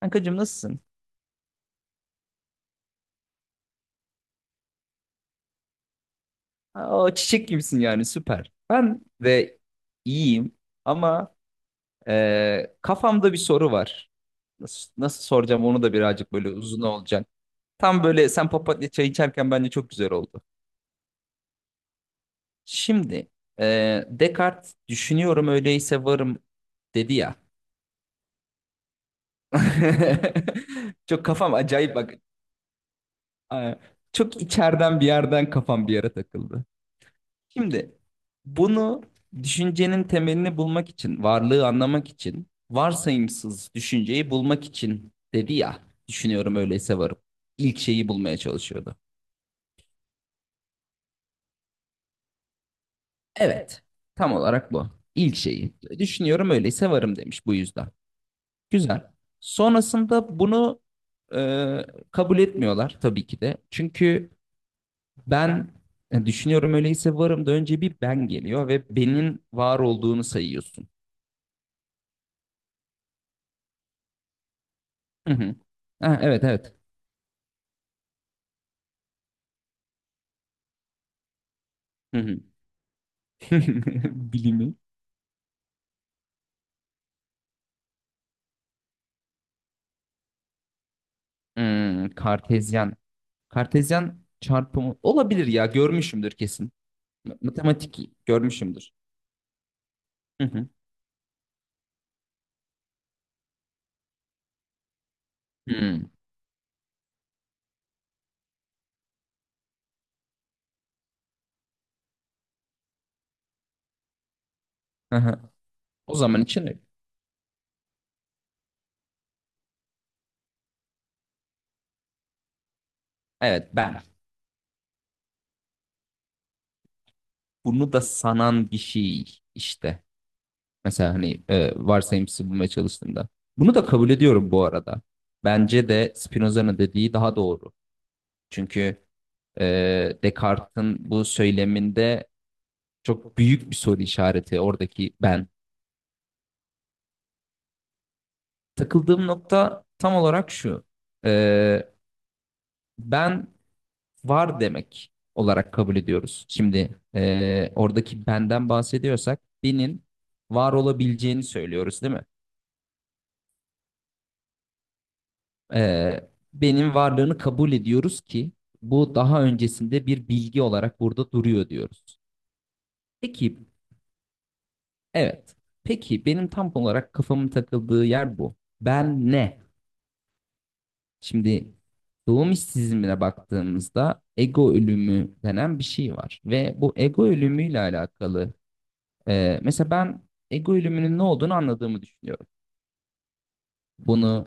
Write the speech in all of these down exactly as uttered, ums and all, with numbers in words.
Kankacığım nasılsın? Aa, çiçek gibisin yani süper. Ben de iyiyim ama e, kafamda bir soru var. Nasıl, nasıl soracağım onu da birazcık böyle uzun olacak. Tam böyle sen papatya çay içerken bence çok güzel oldu. Şimdi e, Descartes düşünüyorum öyleyse varım dedi ya. Çok kafam acayip bak. Aa, çok içeriden bir yerden kafam bir yere takıldı. Şimdi bunu düşüncenin temelini bulmak için, varlığı anlamak için, varsayımsız düşünceyi bulmak için dedi ya, düşünüyorum öyleyse varım. İlk şeyi bulmaya çalışıyordu. Evet, tam olarak bu. İlk şeyi. Düşünüyorum öyleyse varım demiş bu yüzden. Güzel. Sonrasında bunu e, kabul etmiyorlar tabii ki de. Çünkü ben e, düşünüyorum öyleyse varım da önce bir ben geliyor ve benim var olduğunu sayıyorsun. Hı hı. Ha, evet evet. Hı hı. Bilimi. Hmm, Kartezyen. Kartezyen çarpımı olabilir ya görmüşümdür kesin. M- Matematik görmüşümdür. Hı hı. Hmm. Hı hı. O zaman için öyle. Evet ben bunu da sanan bir şey işte. Mesela hani e, varsayımsız bulmaya çalıştığımda. Bunu da kabul ediyorum bu arada. Bence de Spinoza'nın dediği daha doğru. Çünkü e, Descartes'in bu söyleminde çok büyük bir soru işareti oradaki ben. Takıldığım nokta tam olarak şu. Ee, ben var demek olarak kabul ediyoruz. Şimdi ee, oradaki benden bahsediyorsak benim var olabileceğini söylüyoruz değil mi? Ee, benim varlığını kabul ediyoruz ki bu daha öncesinde bir bilgi olarak burada duruyor diyoruz. Peki evet. Peki benim tam olarak kafamın takıldığı yer bu. Ben ne? Şimdi doğum işsizliğine baktığımızda ego ölümü denen bir şey var. Ve bu ego ölümüyle alakalı e, mesela ben ego ölümünün ne olduğunu anladığımı düşünüyorum. Bunu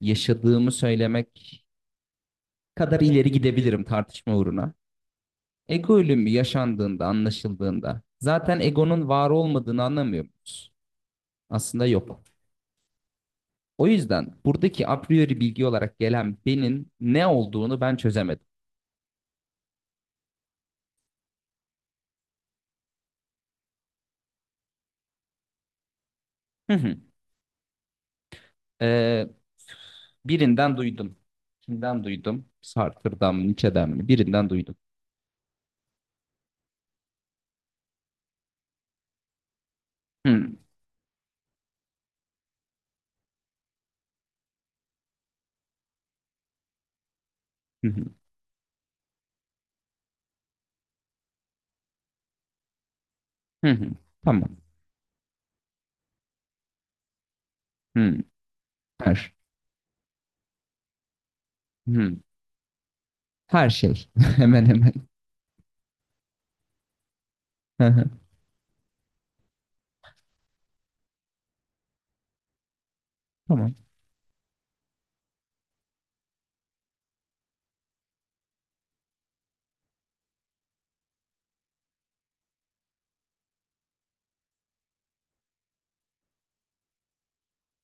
yaşadığımı söylemek kadar ileri gidebilirim tartışma uğruna. Ego ölümü yaşandığında, anlaşıldığında zaten egonun var olmadığını anlamıyor muyuz? Aslında yok. O yüzden buradaki a priori bilgi olarak gelen benim ne olduğunu ben çözemedim. Hı hı. Ee, birinden duydum. Kimden duydum? Sartre'dan mı, Nietzsche'den mi? Birinden duydum. Hmm. Hı hı. Hı hı. Tamam. Hmm. Her. Hmm. Her şey. Hemen hemen. Hı hı. Tamam.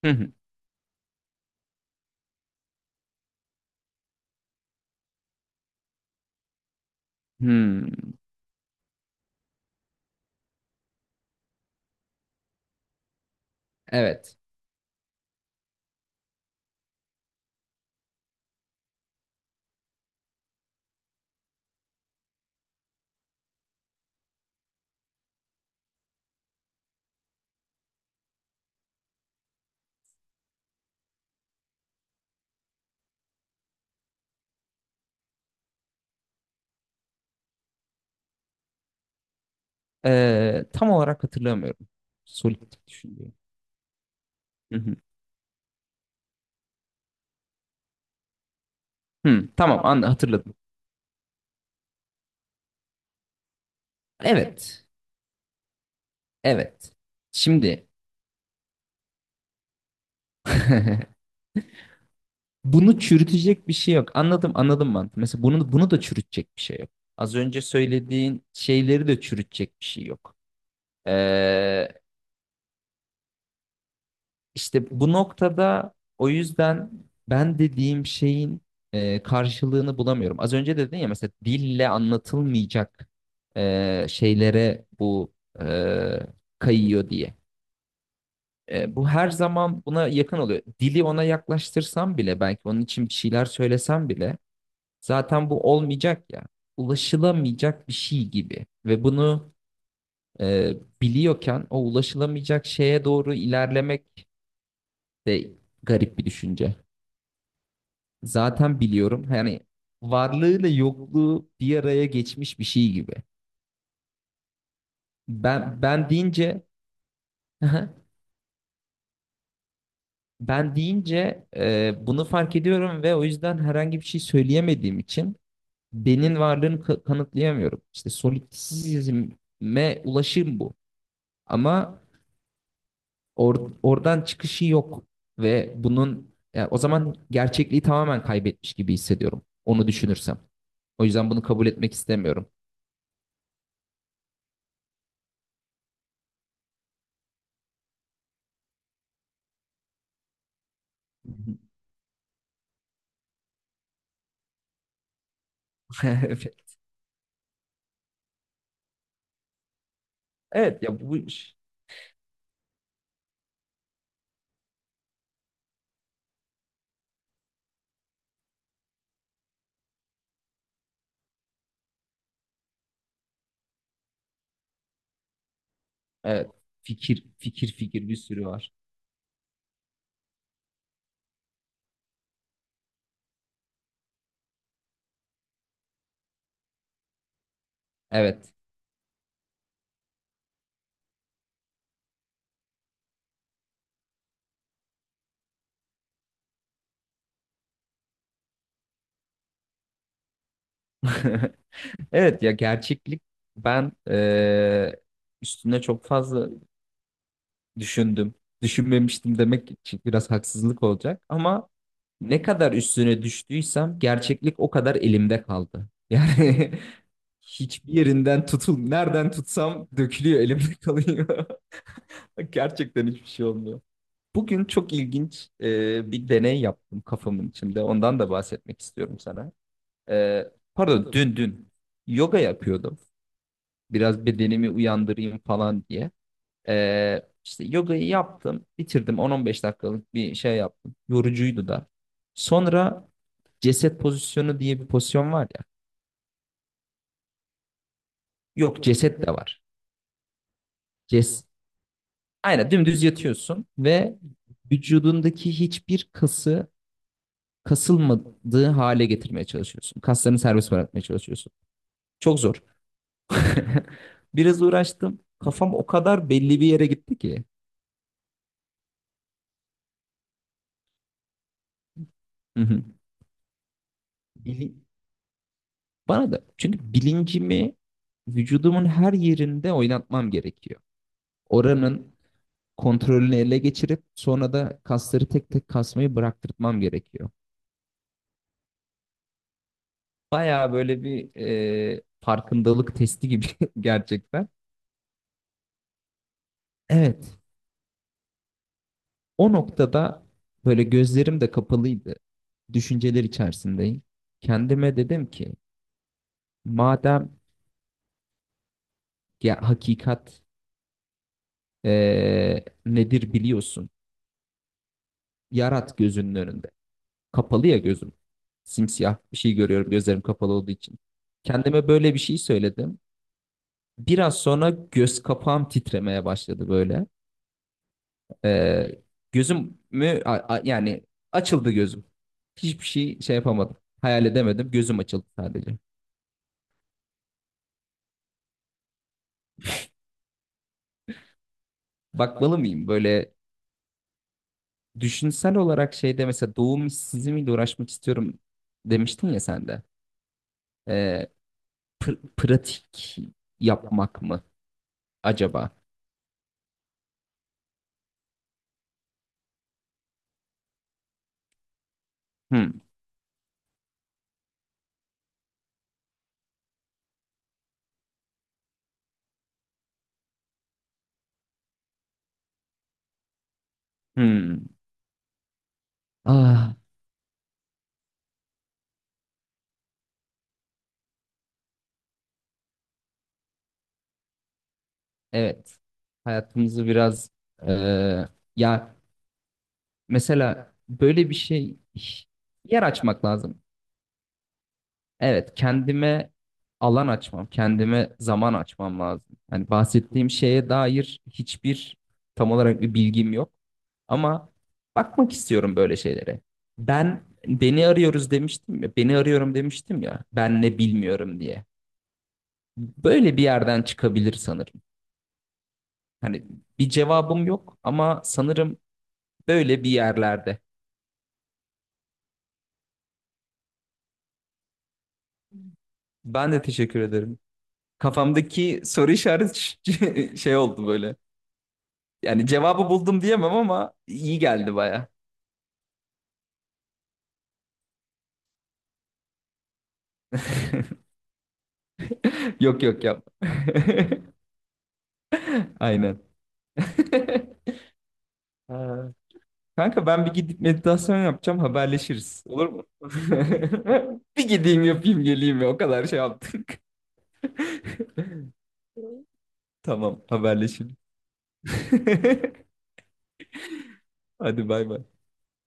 Hı hı. Hmm. Evet. Ee, tam olarak hatırlamıyorum. Solid düşünüyorum. Hı hı. Hmm. Tamam, an hatırladım. Evet. Evet. Şimdi, bunu çürütecek bir şey yok. Anladım, anladım mantığı. Mesela bunu, bunu da çürütecek bir şey yok. Az önce söylediğin şeyleri de çürütecek bir şey yok. Ee, işte bu noktada o yüzden ben dediğim şeyin e, karşılığını bulamıyorum. Az önce dedin ya, mesela dille anlatılmayacak e, şeylere bu e, kayıyor diye. E, bu her zaman buna yakın oluyor. Dili ona yaklaştırsam bile, belki onun için bir şeyler söylesem bile zaten bu olmayacak ya. Ulaşılamayacak bir şey gibi. Ve bunu e, biliyorken o ulaşılamayacak şeye doğru ilerlemek de garip bir düşünce. Zaten biliyorum. Yani varlığıyla yokluğu bir araya geçmiş bir şey gibi. Ben ben deyince ben deyince e, bunu fark ediyorum ve o yüzden herhangi bir şey söyleyemediğim için benim varlığını ka- kanıtlayamıyorum. İşte solipsizme ulaşım bu. Ama Or- oradan çıkışı yok ve bunun, ya o zaman gerçekliği tamamen kaybetmiş gibi hissediyorum. Onu düşünürsem. O yüzden bunu kabul etmek istemiyorum. Evet, evet ya, bu iş- evet, fikir fikir fikir bir sürü var. Evet. Evet ya, gerçeklik, ben eee, üstüne çok fazla düşündüm. Düşünmemiştim demek için biraz haksızlık olacak ama ne kadar üstüne düştüysem gerçeklik o kadar elimde kaldı. Yani hiçbir yerinden tutul, nereden tutsam dökülüyor, elimde kalıyor. Gerçekten hiçbir şey olmuyor. Bugün çok ilginç e, bir deney yaptım kafamın içinde. Ondan da bahsetmek istiyorum sana. E, Pardon, dün dün yoga yapıyordum. Biraz bedenimi uyandırayım falan diye. E, işte yogayı yaptım, bitirdim. on on beş dakikalık bir şey yaptım. Yorucuydu da. Sonra ceset pozisyonu diye bir pozisyon var ya. Yok, ceset de var. Ces Aynen dümdüz yatıyorsun ve vücudundaki hiçbir kası kasılmadığı hale getirmeye çalışıyorsun. Kaslarını serbest bırakmaya çalışıyorsun. Çok zor. Biraz uğraştım. Kafam o kadar belli bir yere gitti ki. Hı hı. Bili- Bana da, çünkü bilincimi vücudumun her yerinde oynatmam gerekiyor. Oranın kontrolünü ele geçirip sonra da kasları tek tek kasmayı bıraktırtmam gerekiyor. Baya böyle bir e, farkındalık testi gibi gerçekten. Evet. O noktada böyle gözlerim de kapalıydı. Düşünceler içerisindeyim. Kendime dedim ki madem, ya hakikat eee, nedir biliyorsun. Yarat gözünün önünde. Kapalı ya gözüm. Simsiyah bir şey görüyorum gözlerim kapalı olduğu için. Kendime böyle bir şey söyledim. Biraz sonra göz kapağım titremeye başladı böyle. Eee Gözümü a- a- yani açıldı gözüm. Hiçbir şey şey yapamadım. Hayal edemedim. Gözüm açıldı sadece. Bakmalı mıyım? Böyle düşünsel olarak şeyde, mesela doğum işsizliğiyle uğraşmak istiyorum demiştin ya sen de. Ee, pr- pratik yapmak mı acaba? Hmm. Hmm. Ah, evet. Hayatımızı biraz eee, ya mesela böyle bir şey, yer açmak lazım. Evet, kendime alan açmam, kendime zaman açmam lazım. Yani bahsettiğim şeye dair hiçbir, tam olarak bir bilgim yok. Ama bakmak istiyorum böyle şeylere. Ben beni arıyoruz demiştim ya, beni arıyorum demiştim ya, ben ne bilmiyorum diye. Böyle bir yerden çıkabilir sanırım. Hani bir cevabım yok ama sanırım böyle bir yerlerde. Ben de teşekkür ederim. Kafamdaki soru işareti şey oldu böyle. Yani cevabı buldum diyemem ama iyi geldi baya. Yok yok yap. Aynen. Ha. Kanka, ben bir gidip meditasyon yapacağım, haberleşiriz. Olur mu? Bir gideyim yapayım geleyim ya, o kadar şey yaptık. Tamam, haberleşelim. Hadi bay bay.